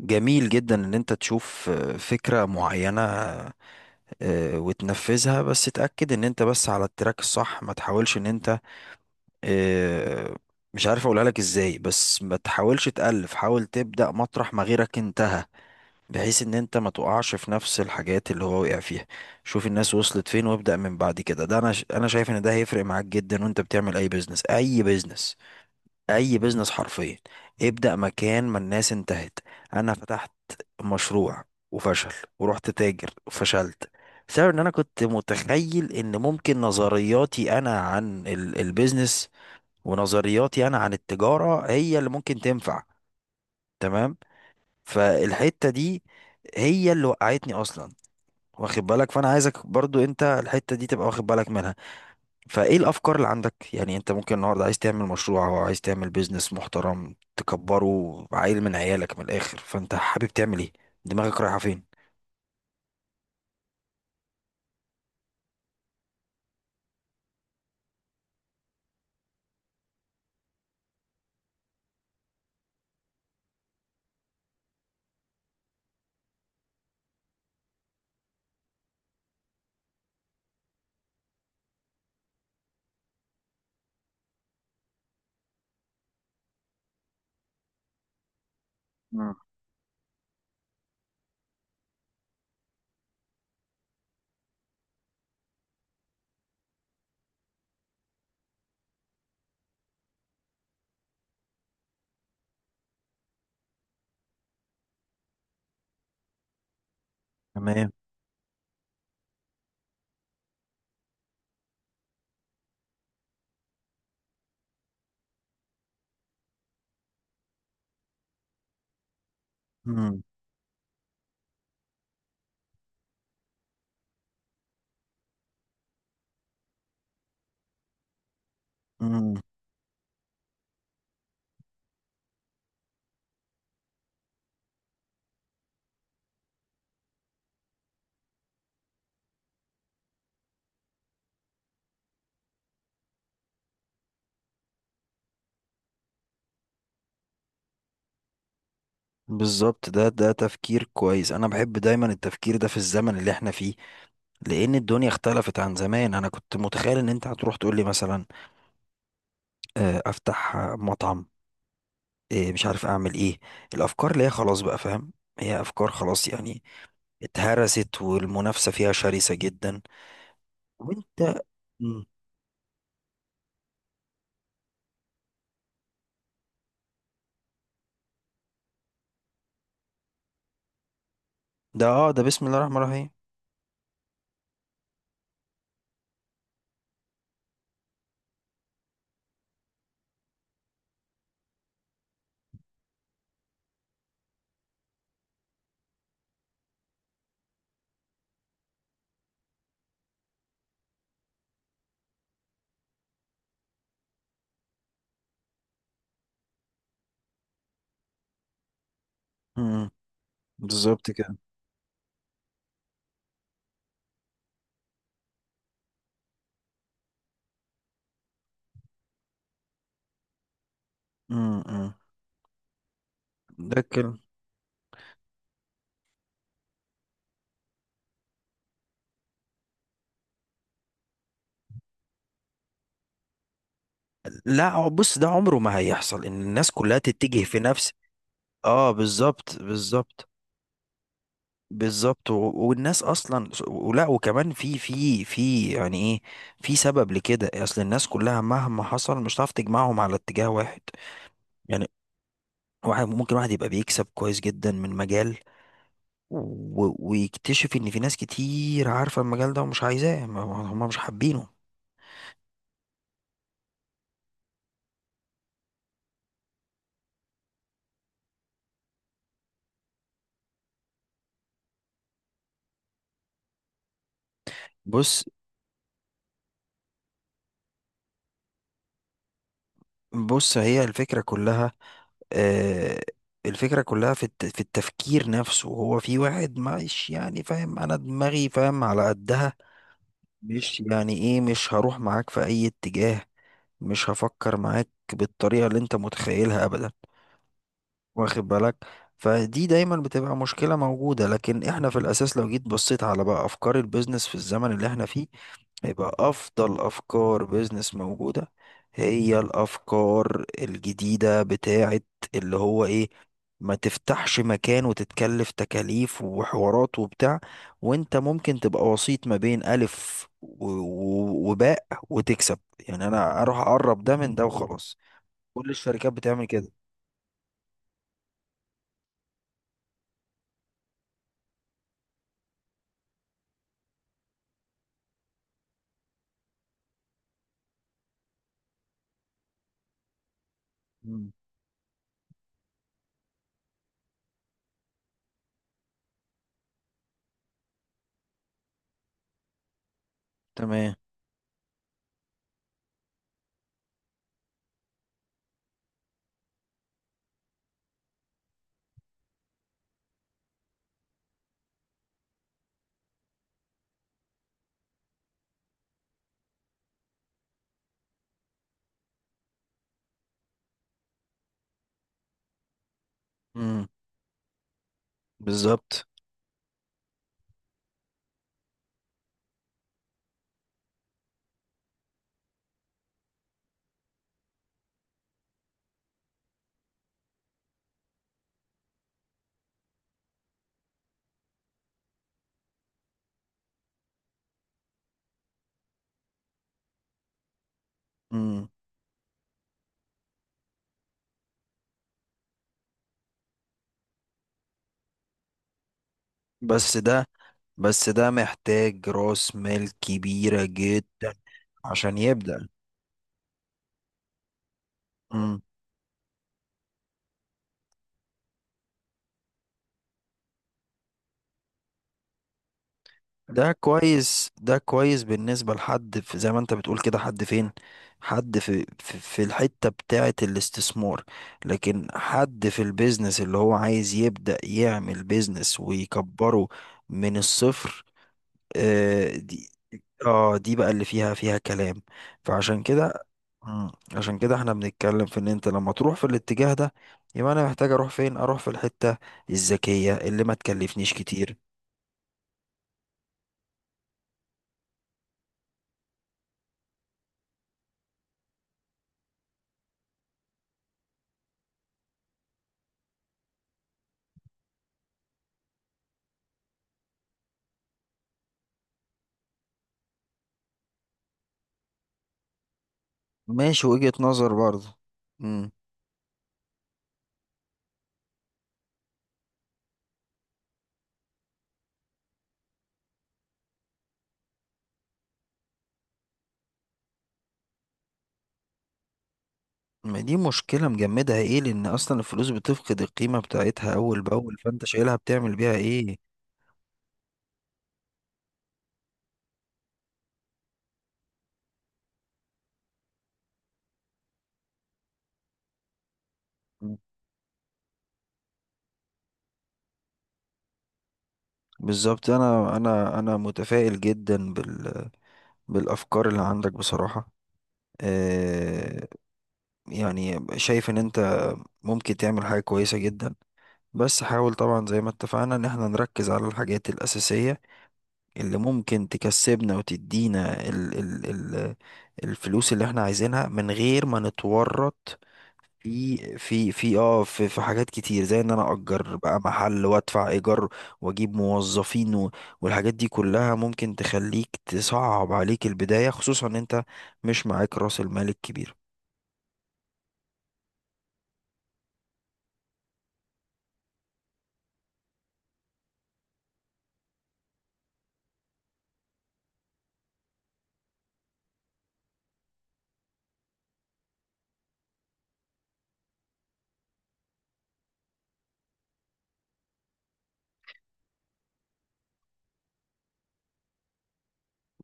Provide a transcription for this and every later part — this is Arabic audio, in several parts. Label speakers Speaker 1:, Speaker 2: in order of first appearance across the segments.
Speaker 1: جميل جدا ان انت تشوف فكرة معينة وتنفذها، بس تأكد ان انت بس على التراك الصح، ما تحاولش ان انت آه، مش عارف اقولها لك ازاي، بس ما تحاولش تألف، حاول تبدأ مطرح ما غيرك انتهى، بحيث ان انت ما تقعش في نفس الحاجات اللي هو وقع فيها. شوف الناس وصلت فين وابدأ من بعد كده، ده انا شايف ان ده هيفرق معاك جدا وانت بتعمل اي بيزنس، اي بيزنس، اي بيزنس حرفيا. ابدأ مكان ما الناس انتهت. انا فتحت مشروع وفشل، ورحت تاجر وفشلت، بسبب ان انا كنت متخيل ان ممكن نظرياتي انا عن البيزنس، ونظرياتي انا عن التجارة هي اللي ممكن تنفع. تمام. فالحتة دي هي اللي وقعتني اصلا، واخد بالك؟ فانا عايزك برضو انت الحتة دي تبقى واخد بالك منها. فايه الافكار اللي عندك؟ يعني انت ممكن النهارده عايز تعمل مشروع او عايز تعمل بيزنس محترم تكبره عيل من عيالك، من الاخر فانت حابب تعمل ايه؟ دماغك رايحه فين؟ تمام. مم. مم. بالظبط، ده تفكير كويس، انا بحب دايما التفكير ده في الزمن اللي احنا فيه، لان الدنيا اختلفت عن زمان. انا كنت متخيل ان انت هتروح تقول لي مثلا افتح مطعم، مش عارف اعمل ايه، الافكار اللي هي خلاص بقى، فاهم، هي افكار خلاص يعني، اتهرست والمنافسه فيها شرسه جدا. وانت. مم. ده بسم الله الرحمن الرحيم. مم. بالظبط كده. مم. مم. ده كده. لا، هو بص، ده عمره ما هيحصل ان الناس كلها تتجه في نفس. اه، بالظبط، بالظبط، بالظبط، والناس اصلا ولا، وكمان في يعني ايه، في سبب لكده، اصل الناس كلها مهما حصل مش هتعرف تجمعهم على اتجاه واحد يعني. واحد ممكن واحد يبقى بيكسب كويس جدا من مجال، ويكتشف ان في ناس كتير عارفة المجال ده ومش عايزاه، هم مش حابينه. بص بص هي الفكرة كلها، آه الفكرة كلها في في التفكير نفسه، هو في واحد مش يعني فاهم، انا دماغي فاهم على قدها، مش يعني ايه، مش هروح معاك في اي اتجاه، مش هفكر معاك بالطريقة اللي انت متخيلها ابدا، واخد بالك؟ فدي دايما بتبقى مشكلة موجودة، لكن احنا في الاساس لو جيت بصيت على بقى افكار البيزنس في الزمن اللي احنا فيه، يبقى افضل افكار بيزنس موجودة هي الافكار الجديدة بتاعت اللي هو ايه، ما تفتحش مكان وتتكلف تكاليف وحوارات وبتاع، وانت ممكن تبقى وسيط ما بين الف وباء، وتكسب. يعني انا اروح اقرب ده من ده وخلاص، كل الشركات بتعمل كده. مم. تمام. مم. بالظبط. مم. بس ده بس ده محتاج راس مال كبيرة جدا عشان يبدأ. مم. ده كويس، ده كويس بالنسبة لحد في، زي ما انت بتقول كده، حد فين؟ حد في في الحتة بتاعة الاستثمار، لكن حد في البيزنس اللي هو عايز يبدأ يعمل بيزنس ويكبره من الصفر. آه دي اه دي بقى اللي فيها كلام، فعشان كده. مم، عشان كده احنا بنتكلم في ان انت لما تروح في الاتجاه ده، يبقى انا محتاج اروح فين، اروح في الحتة الذكية اللي ما تكلفنيش كتير. ماشي، وجهة نظر برضه. امم. ما دي مشكلة مجمدها ايه، لان اصلا الفلوس بتفقد القيمة بتاعتها اول باول، فانت شايلها بتعمل بيها ايه؟ مم. بالظبط، انا متفائل جدا بالافكار اللي عندك بصراحة. آه. يعني شايف ان انت ممكن تعمل حاجة كويسة جدا، بس حاول طبعا زي ما اتفقنا ان احنا نركز على الحاجات الاساسية اللي ممكن تكسبنا وتدينا ال ال ال الفلوس اللي احنا عايزينها من غير ما نتورط في حاجات كتير زي ان انا اجر بقى محل وادفع ايجار واجيب موظفين والحاجات دي كلها ممكن تخليك تصعب عليك البداية، خصوصا ان انت مش معاك راس المال الكبير.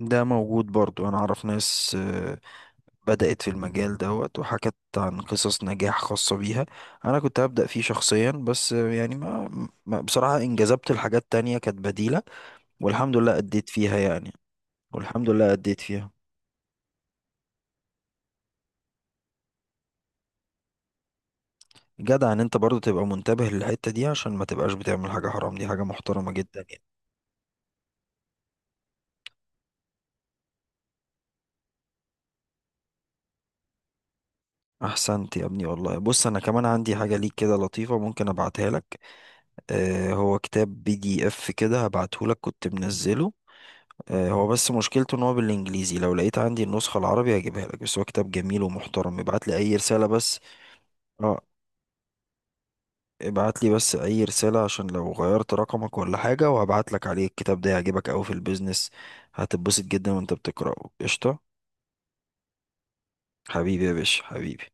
Speaker 1: ده موجود برضو، انا اعرف ناس بدأت في المجال دوت، وحكت عن قصص نجاح خاصة بيها، أنا كنت هبدأ فيه شخصيا، بس يعني ما, ما بصراحة انجذبت لحاجات تانية كانت بديلة، والحمد لله أديت فيها يعني، والحمد لله أديت فيها. جدع إن أنت برضو تبقى منتبه للحتة دي عشان ما تبقاش بتعمل حاجة حرام، دي حاجة محترمة جدا يعني. أحسنت يا ابني والله. بص، أنا كمان عندي حاجة ليك كده لطيفة، ممكن أبعتها لك. آه، هو كتاب PDF كده، هبعته لك، كنت منزله. هو بس مشكلته ان هو بالانجليزي، لو لقيت عندي النسخة العربي هجيبها لك، بس هو كتاب جميل ومحترم. ابعت لي اي رسالة بس. اه، ابعت لي بس اي رسالة عشان لو غيرت رقمك ولا حاجة، وهبعت لك عليه. الكتاب ده هيعجبك قوي في البيزنس، هتتبسط جدا وانت بتقرأه قشطة. حبيبي يا باشا، حبيبي.